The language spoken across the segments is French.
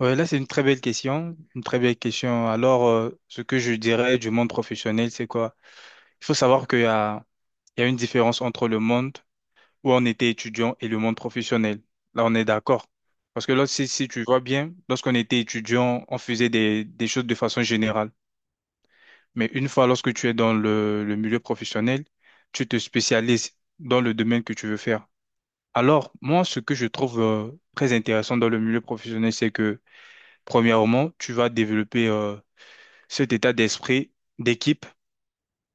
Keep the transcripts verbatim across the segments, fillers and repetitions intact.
Ouais, là, c'est une très belle question, une très belle question. Alors, euh, ce que je dirais du monde professionnel, c'est quoi? Il faut savoir qu'il y a, il y a une différence entre le monde où on était étudiant et le monde professionnel. Là, on est d'accord. Parce que là, si, si tu vois bien, lorsqu'on était étudiant, on faisait des, des choses de façon générale. Mais une fois, lorsque tu es dans le, le milieu professionnel, tu te spécialises dans le domaine que tu veux faire. Alors, moi, ce que je trouve euh, très intéressant dans le milieu professionnel, c'est que, premièrement, tu vas développer... euh, cet état d'esprit d'équipe.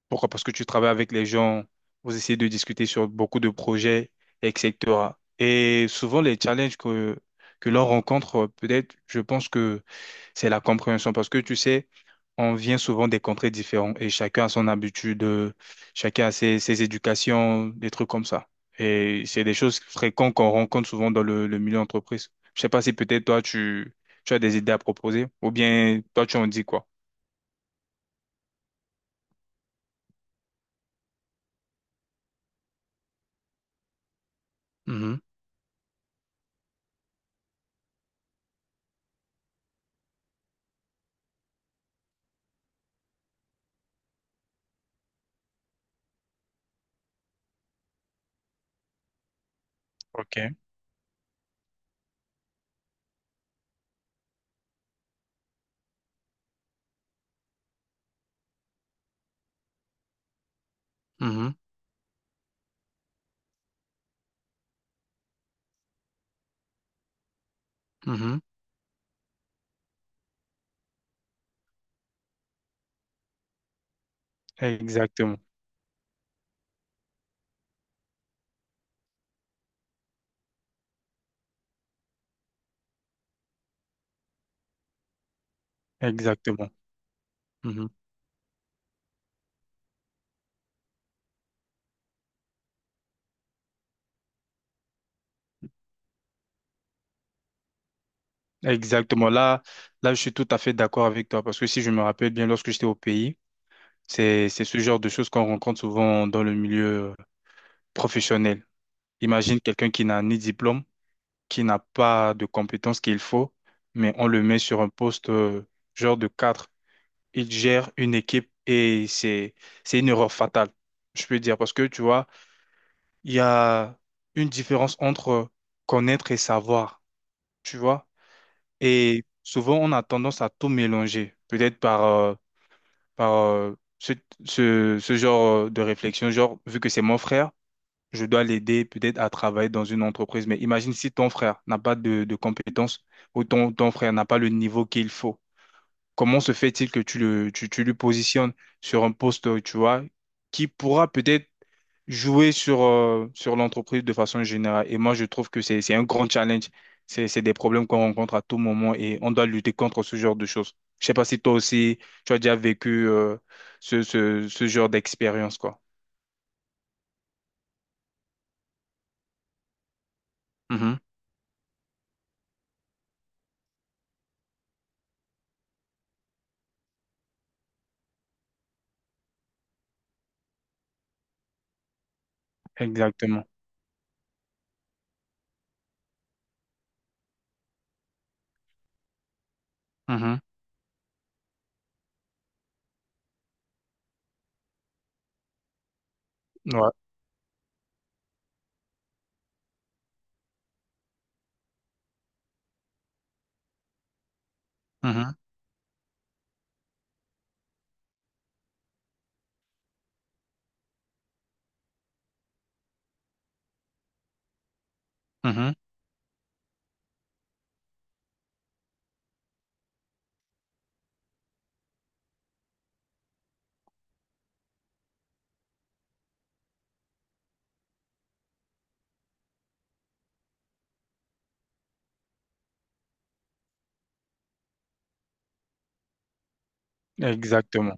Pourquoi? Parce que tu travailles avec les gens, vous essayez de discuter sur beaucoup de projets, et cetera. Et souvent, les challenges que, que l'on rencontre, peut-être, je pense que c'est la compréhension. Parce que tu sais, on vient souvent des contrées différentes et chacun a son habitude, euh, chacun a ses, ses éducations, des trucs comme ça. Et c'est des choses fréquentes qu'on rencontre souvent dans le, le milieu entreprise. Je sais pas si peut-être toi, tu, tu as des idées à proposer ou bien toi, tu en dis quoi? Mhm. Ok. Mhm, mhm. Exactement, exactement, mhm. Exactement. Là, là, je suis tout à fait d'accord avec toi parce que si je me rappelle bien, lorsque j'étais au pays, c'est, c'est ce genre de choses qu'on rencontre souvent dans le milieu euh, professionnel. Imagine quelqu'un qui n'a ni diplôme, qui n'a pas de compétences qu'il faut, mais on le met sur un poste euh, genre de cadre. Il gère une équipe et c'est, c'est une erreur fatale, je peux dire, parce que tu vois, il y a une différence entre connaître et savoir. Tu vois. Et souvent, on a tendance à tout mélanger, peut-être par, euh, par euh, ce, ce, ce genre euh, de réflexion, genre, vu que c'est mon frère, je dois l'aider peut-être à travailler dans une entreprise. Mais imagine si ton frère n'a pas de, de compétences ou ton, ton frère n'a pas le niveau qu'il faut. Comment se fait-il que tu le, tu, tu lui positionnes sur un poste, tu vois, qui pourra peut-être jouer sur, euh, sur l'entreprise de façon générale. Et moi, je trouve que c'est, c'est un grand challenge. C'est, c'est des problèmes qu'on rencontre à tout moment et on doit lutter contre ce genre de choses. Je sais pas si toi aussi, tu as déjà vécu, euh, ce, ce, ce genre d'expérience, quoi. Mhm. Exactement. Mhm. Ouais. Mhm. Mhm. Exactement.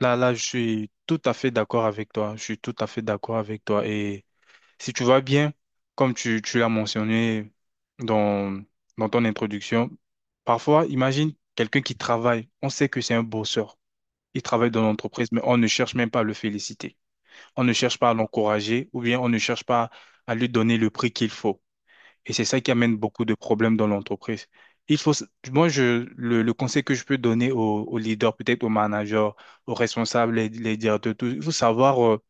Là, là, je suis tout à fait d'accord avec toi. Je suis tout à fait d'accord avec toi. Et si tu vas bien, comme tu, tu l'as mentionné dans, dans ton introduction, parfois, imagine quelqu'un qui travaille. On sait que c'est un bosseur. Il travaille dans l'entreprise, mais on ne cherche même pas à le féliciter. On ne cherche pas à l'encourager ou bien on ne cherche pas à lui donner le prix qu'il faut. Et c'est ça qui amène beaucoup de problèmes dans l'entreprise. Il faut, s- moi, je, le, le conseil que je peux donner aux, aux leaders, peut-être aux managers, aux responsables, les, les directeurs, tout, il faut savoir euh,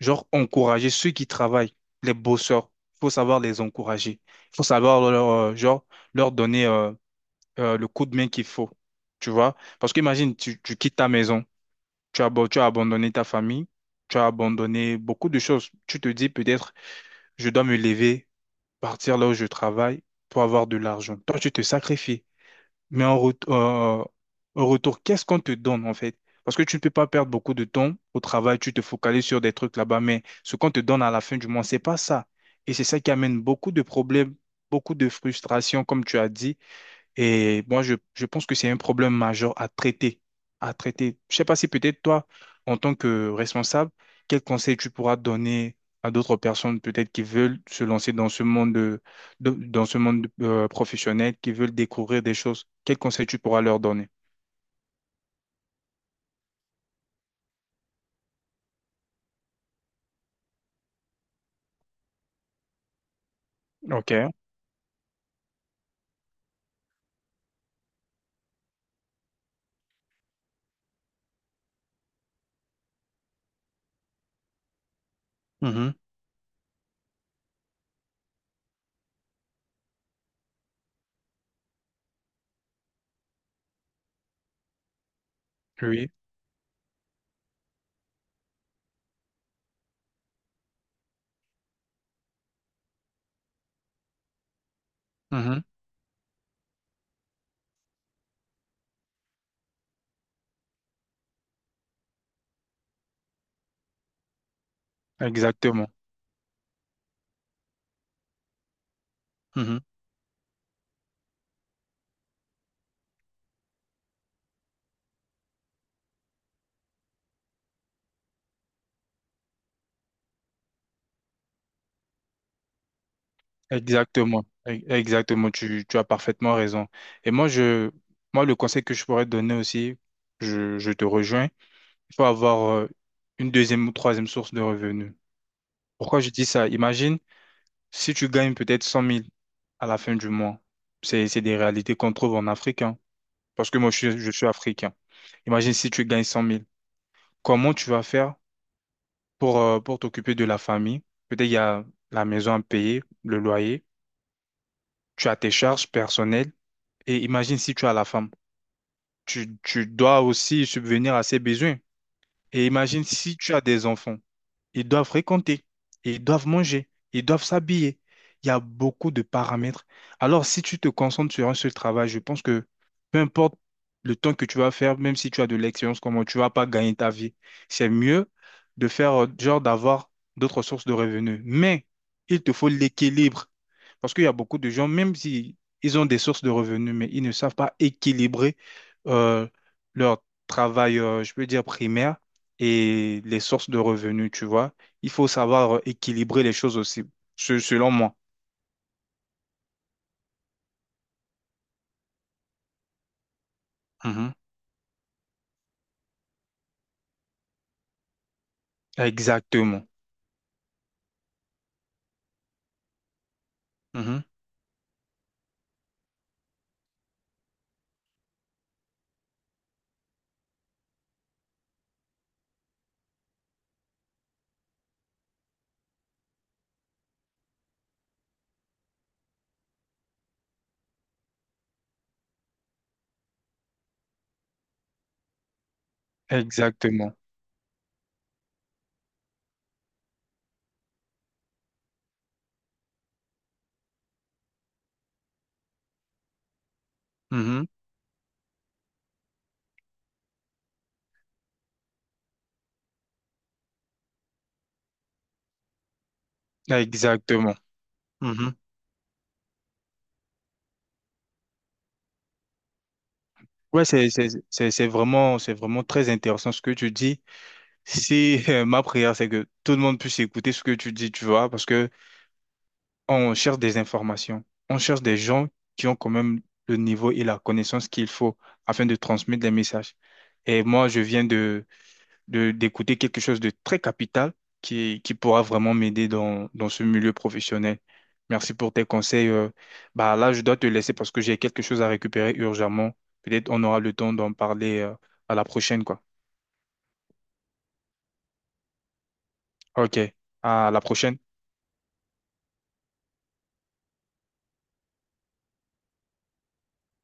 genre, encourager ceux qui travaillent, les bosseurs. Il faut savoir les encourager. Il faut savoir leur, euh, genre, leur donner euh, euh, le coup de main qu'il faut. Tu vois? Parce qu'imagine, tu, tu quittes ta maison, tu as, abo- tu as abandonné ta famille, tu as abandonné beaucoup de choses. Tu te dis peut-être, je dois me lever, partir là où je travaille pour avoir de l'argent. Toi, tu te sacrifies. Mais en, ret- euh, en retour, qu'est-ce qu'on te donne en fait? Parce que tu ne peux pas perdre beaucoup de temps au travail, tu te focalises sur des trucs là-bas, mais ce qu'on te donne à la fin du mois, c'est pas ça. Et c'est ça qui amène beaucoup de problèmes, beaucoup de frustrations, comme tu as dit, et moi, je, je pense que c'est un problème majeur à traiter, à traiter. Je sais pas si peut-être toi, en tant que responsable, quel conseil tu pourras donner à d'autres personnes peut-être qui veulent se lancer dans ce monde, de- de- dans ce monde euh, professionnel, qui veulent découvrir des choses. Quel conseil tu pourras leur donner? OK. Mhm. Oui. Mhm. Exactement. Mhm. Exactement. E- Exactement. Tu, tu as parfaitement raison. Et moi, je, moi, le conseil que je pourrais te donner aussi, je, je te rejoins. Il faut avoir euh, une deuxième ou troisième source de revenus. Pourquoi je dis ça? Imagine si tu gagnes peut-être cent mille à la fin du mois. C'est, c'est des réalités qu'on trouve en Afrique, hein. Parce que moi, je suis, je suis africain. Imagine si tu gagnes cent mille. Comment tu vas faire pour, euh, pour t'occuper de la famille? Peut-être il y a la maison à payer, le loyer, tu as tes charges personnelles. Et imagine si tu as la femme. Tu, tu dois aussi subvenir à ses besoins. Et imagine si tu as des enfants. Ils doivent fréquenter, ils doivent manger, ils doivent s'habiller. Il y a beaucoup de paramètres. Alors, si tu te concentres sur un seul travail, je pense que peu importe le temps que tu vas faire, même si tu as de l'expérience, comment tu vas pas gagner ta vie, c'est mieux de faire, euh, genre, d'avoir d'autres sources de revenus. Mais il te faut l'équilibre. Parce qu'il y a beaucoup de gens, même si ils ont des sources de revenus, mais ils ne savent pas équilibrer euh, leur travail, euh, je peux dire, primaire et les sources de revenus, tu vois. Il faut savoir équilibrer les choses aussi, se- selon moi. Mhm. Exactement. Mhm. Exactement. Mhm. Exactement. Mhm. Ouais, c'est, c'est, c'est, c'est vraiment, c'est vraiment très intéressant ce que tu dis. Si ma prière, c'est que tout le monde puisse écouter ce que tu dis, tu vois, parce que on cherche des informations. On cherche des gens qui ont quand même le niveau et la connaissance qu'il faut afin de transmettre des messages. Et moi, je viens de de, d'écouter quelque chose de très capital qui, qui pourra vraiment m'aider dans, dans ce milieu professionnel. Merci pour tes conseils. euh. Bah là, je dois te laisser parce que j'ai quelque chose à récupérer urgemment. Peut-être on aura le temps d'en parler, euh, à la prochaine, quoi. OK. À la prochaine.